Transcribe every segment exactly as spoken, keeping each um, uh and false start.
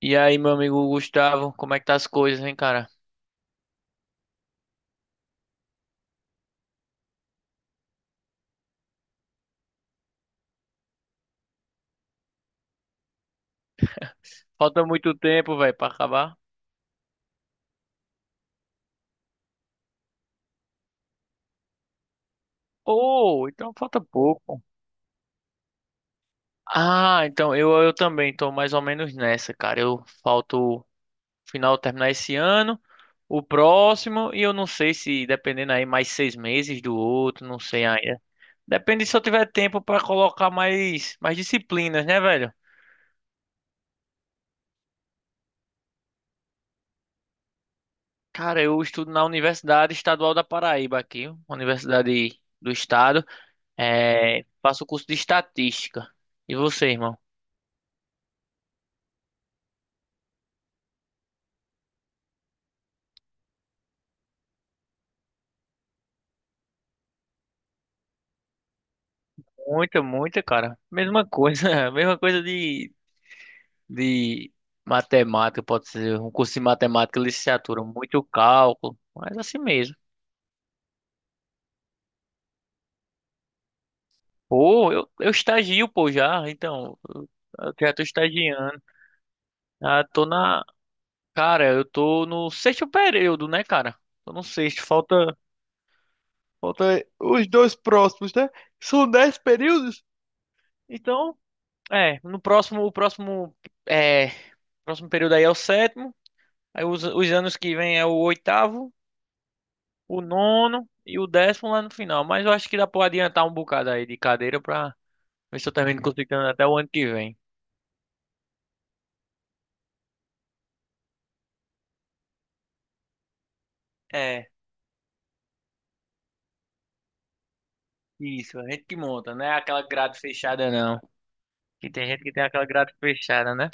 E aí, meu amigo Gustavo, como é que tá as coisas, hein, cara? Falta muito tempo, velho, pra acabar. Oh, então falta pouco. Ah, então eu, eu também tô mais ou menos nessa, cara. Eu falto o final terminar esse ano, o próximo, e eu não sei se dependendo aí mais seis meses do outro, não sei ainda. Depende se eu tiver tempo pra colocar mais, mais disciplinas, né, velho? Cara, eu estudo na Universidade Estadual da Paraíba aqui, uma universidade do estado. É, faço curso de estatística. E você, irmão? Muita, muita, cara. Mesma coisa, mesma coisa de, de matemática, pode ser. Um curso de matemática, licenciatura, muito cálculo, mas assim mesmo. Pô, eu, eu estagio, pô, já, então, eu, eu já tô estagiando. Ah, tô na, cara, eu tô no sexto período, né, cara? Tô no sexto, falta, Falta os dois próximos, né? São dez períodos? Então, é, no próximo, o próximo, é, próximo período aí é o sétimo, aí os, os anos que vem é o oitavo, o nono e o décimo lá no final. Mas eu acho que dá pra adiantar um bocado aí de cadeira pra ver se eu termino conseguindo até o ano que vem. É, isso, a gente que monta, não é aquela grade fechada não. Que tem gente que tem aquela grade fechada, né?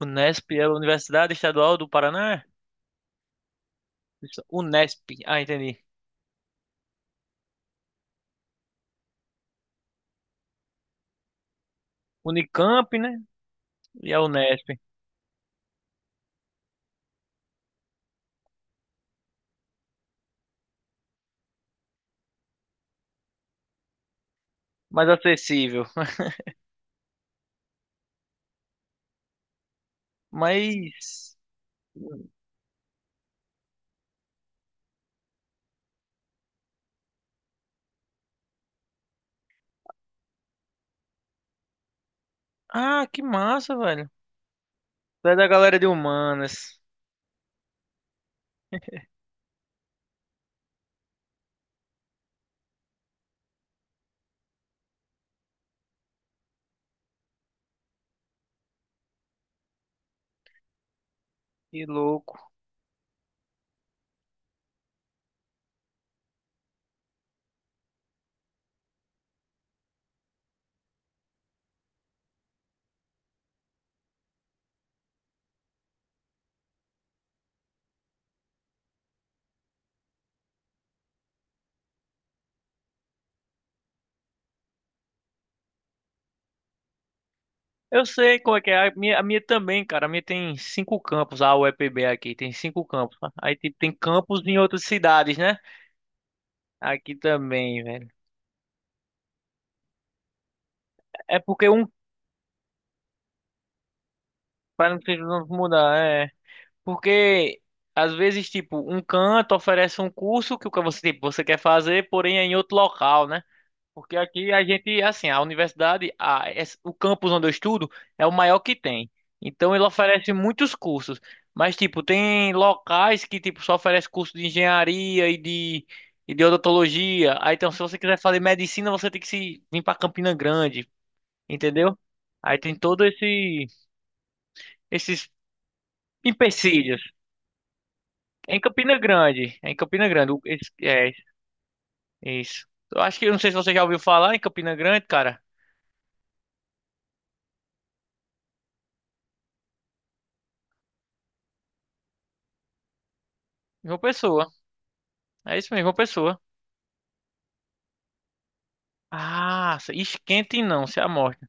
Unesp é a Universidade Estadual do Paraná? Isso, Unesp, ah, entendi. Unicamp, né? E a Unesp, mais acessível. Mas Ah, que massa, velho. Tu é da galera de humanas. Que louco. Eu sei qual é que é. A minha, a minha também, cara. A minha tem cinco campos. A U E P B aqui tem cinco campos. Aí tipo, tem campos em outras cidades, né? Aqui também, velho. É porque um. Para não ter- não mudar, é. Porque às vezes, tipo, um canto oferece um curso que o que você, tipo, você quer fazer, porém é em outro local, né? Porque aqui a gente, assim, a universidade, a- es- o campus onde eu estudo é o maior que tem. Então ele oferece muitos cursos. Mas, tipo, tem locais que, tipo, só oferece curso de engenharia e de, e de odontologia. Aí, então, se você quiser fazer medicina, você tem que se vir para Campina Grande, entendeu? Aí tem todo esse, esses empecilhos. É em Campina Grande, é em Campina Grande. o- esse- É, isso. Eu acho que, eu não sei se você já ouviu falar em Campina Grande, cara. João Pessoa. É isso mesmo, João Pessoa. Ah, esquente não, se amostra.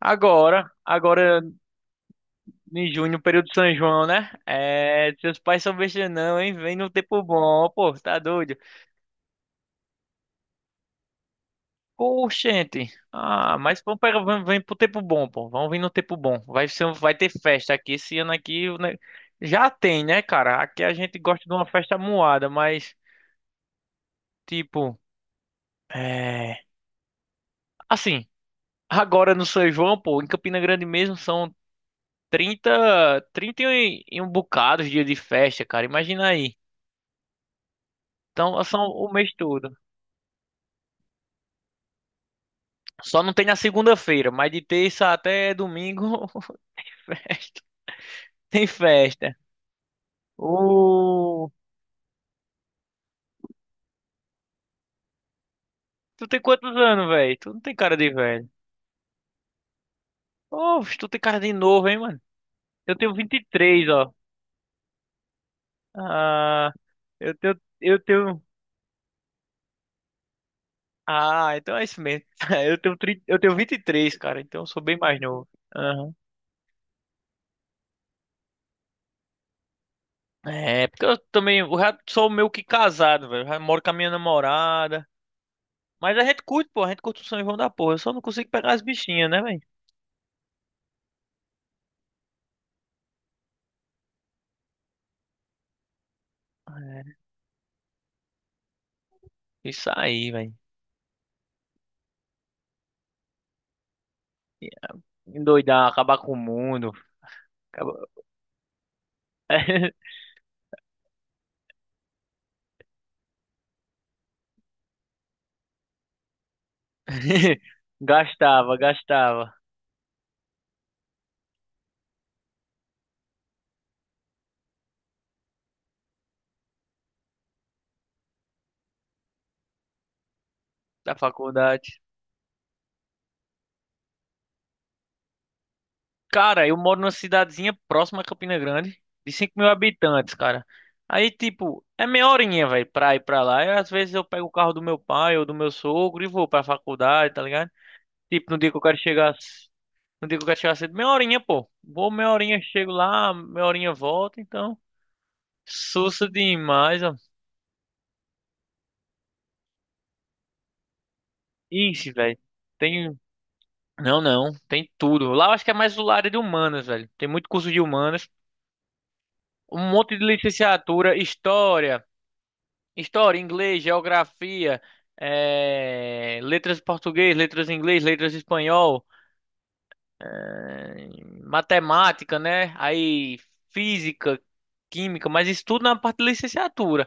Agora, agora em junho, período de São João, né? É, seus pais são besta não, hein? Vem no tempo bom, pô, tá doido? Oxente. Ah, mas vamos pegar, vamos, vem pro tempo bom, pô. Vamos vir no tempo bom. Vai ser, um, vai ter festa aqui esse ano aqui, né? Já tem, né, cara? Aqui a gente gosta de uma festa moada, mas tipo, é, assim, agora no São João, pô, em Campina Grande mesmo são trinta trinta e, um, e um bocado de dia de festa, cara. Imagina aí. Então, são o mês todo. Só não tem na segunda-feira, mas de terça até domingo, festa. Tem festa. Ô, tu tem quantos anos, velho? Tu não tem cara de velho. Ô, tu tem cara de novo, hein, mano? Eu tenho vinte e três, ó. Ah, eu tenho, eu tenho. Ah, então é isso mesmo. Eu tenho, trinta, eu tenho vinte e três, cara. Então eu sou bem mais novo. Ah. É, porque eu também, eu já sou meio que casado, velho. Já moro com a minha namorada. Mas a gente curte, pô, a gente curte o São João da porra. Eu só não consigo pegar as bichinhas, né, velho? É, isso aí, velho. Endoidar, acabar com o mundo. Acaba- Gastava, gastava da faculdade. Cara, eu moro numa cidadezinha próxima a Campina Grande, de cinco mil habitantes, cara. Aí, tipo, é meia horinha, velho, pra ir pra lá. E às vezes eu pego o carro do meu pai ou do meu sogro e vou pra faculdade, tá ligado? Tipo, no dia que eu quero chegar, c- no dia que eu quero chegar cedo, meia horinha, pô. Vou meia horinha, chego lá, meia horinha volto, então. Sussa demais, ó. Ixi, velho. Tem. Não, não. Tem tudo. Lá eu acho que é mais do lado de humanas, velho. Tem muito curso de humanas. Um monte de licenciatura, história, história, inglês, geografia, eh, letras em português, letras em inglês, letras em espanhol, eh, matemática, né? Aí física, química, mas isso tudo na parte de licenciatura.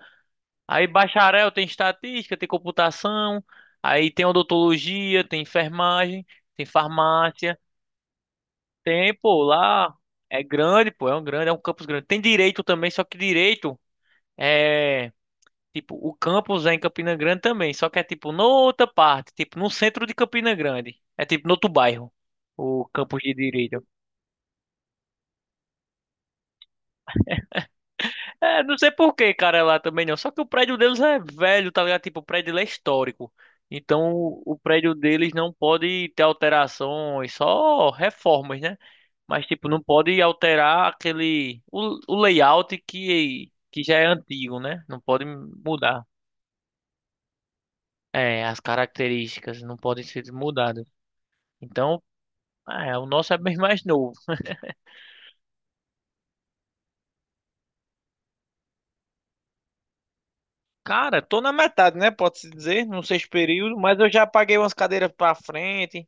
Aí bacharel tem estatística, tem computação, aí tem odontologia, tem enfermagem, tem farmácia, tem, pô, lá é grande, pô, é um grande, é um campus grande. Tem direito também, só que direito é, tipo, o campus é em Campina Grande também, só que é tipo noutra parte, tipo no centro de Campina Grande, é tipo no outro bairro, o campus de direito. É, não sei por que, cara, é lá também não. Só que o prédio deles é velho, tá ligado? Tipo, o prédio lá é histórico. Então, o prédio deles não pode ter alterações, só reformas, né? Mas, tipo, não pode alterar aquele... O, o layout que, que já é antigo, né? Não pode mudar. É, as características não podem ser mudadas. Então, é, o nosso é bem mais novo. Cara, tô na metade, né? Pode-se dizer, no sexto período, mas eu já paguei umas cadeiras pra frente.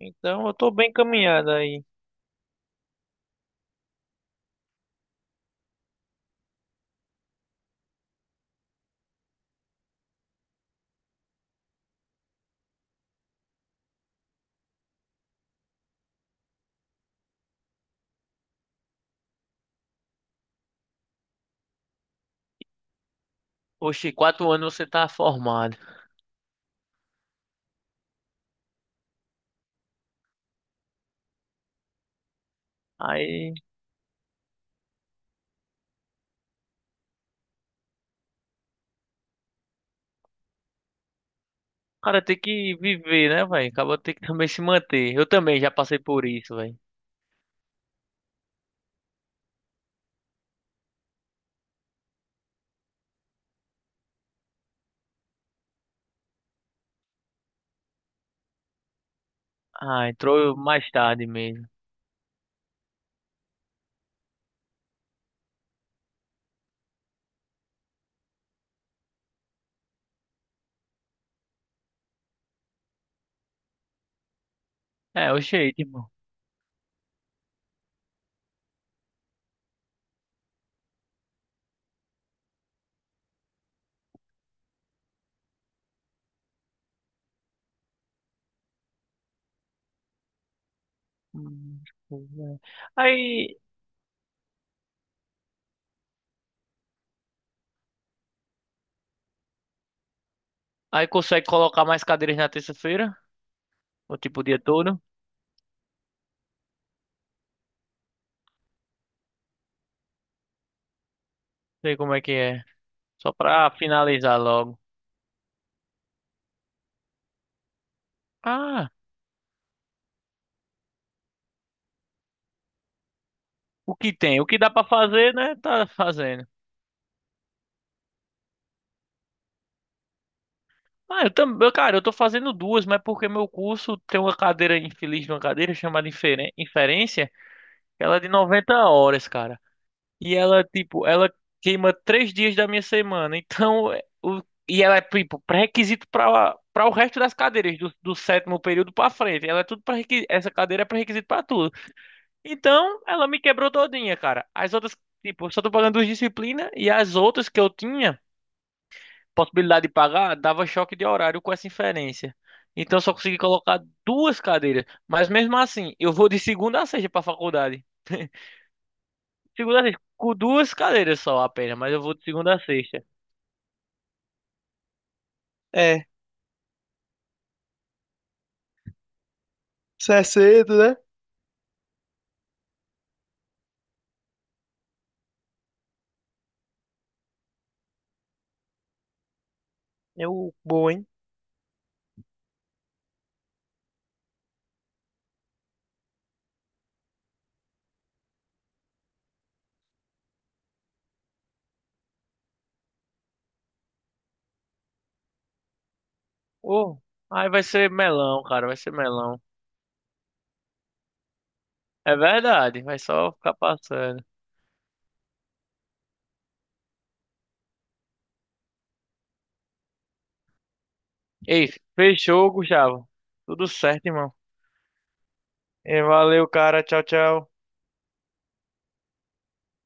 Então eu tô bem encaminhado aí. Oxi, quatro anos você tá formado. Aí, o cara tem que viver, né, velho? Acaba tem que também se manter. Eu também já passei por isso, velho. Ah, entrou mais tarde mesmo. É, oxi, aí, tipo. Hum, pois é. Aí, aí consegue colocar mais cadeiras na terça-feira? Ou tipo o dia todo? Sei como é que é. Só pra finalizar logo. Ah, o que tem? O que dá pra fazer, né? Tá fazendo. Ah, eu também, cara, eu tô fazendo duas, mas porque meu curso tem uma cadeira infeliz de uma cadeira chamada inferen- inferência, que ela é de noventa horas, cara. E ela, tipo, ela queima três dias da minha semana. Então, é, o, e ela é, tipo, pré-requisito pra, pra o resto das cadeiras, do, do sétimo período pra frente. Ela é tudo pré-requisito, essa cadeira é pré-requisito pra tudo. Então, ela me quebrou todinha, cara. As outras, tipo, eu só tô pagando duas disciplinas e as outras que eu tinha possibilidade de pagar, dava choque de horário com essa inferência. Então eu só consegui colocar duas cadeiras. Mas mesmo assim, eu vou de segunda a sexta para a faculdade. Segunda a sexta, com duas cadeiras só apenas, mas eu vou de segunda a sexta. É, isso é cedo, né? É o bom, hein? Oh, aí vai ser melão, cara, vai ser melão. É verdade, vai só ficar passando. Ei, fechou, Gustavo. Tudo certo, irmão. E valeu, cara. Tchau, tchau.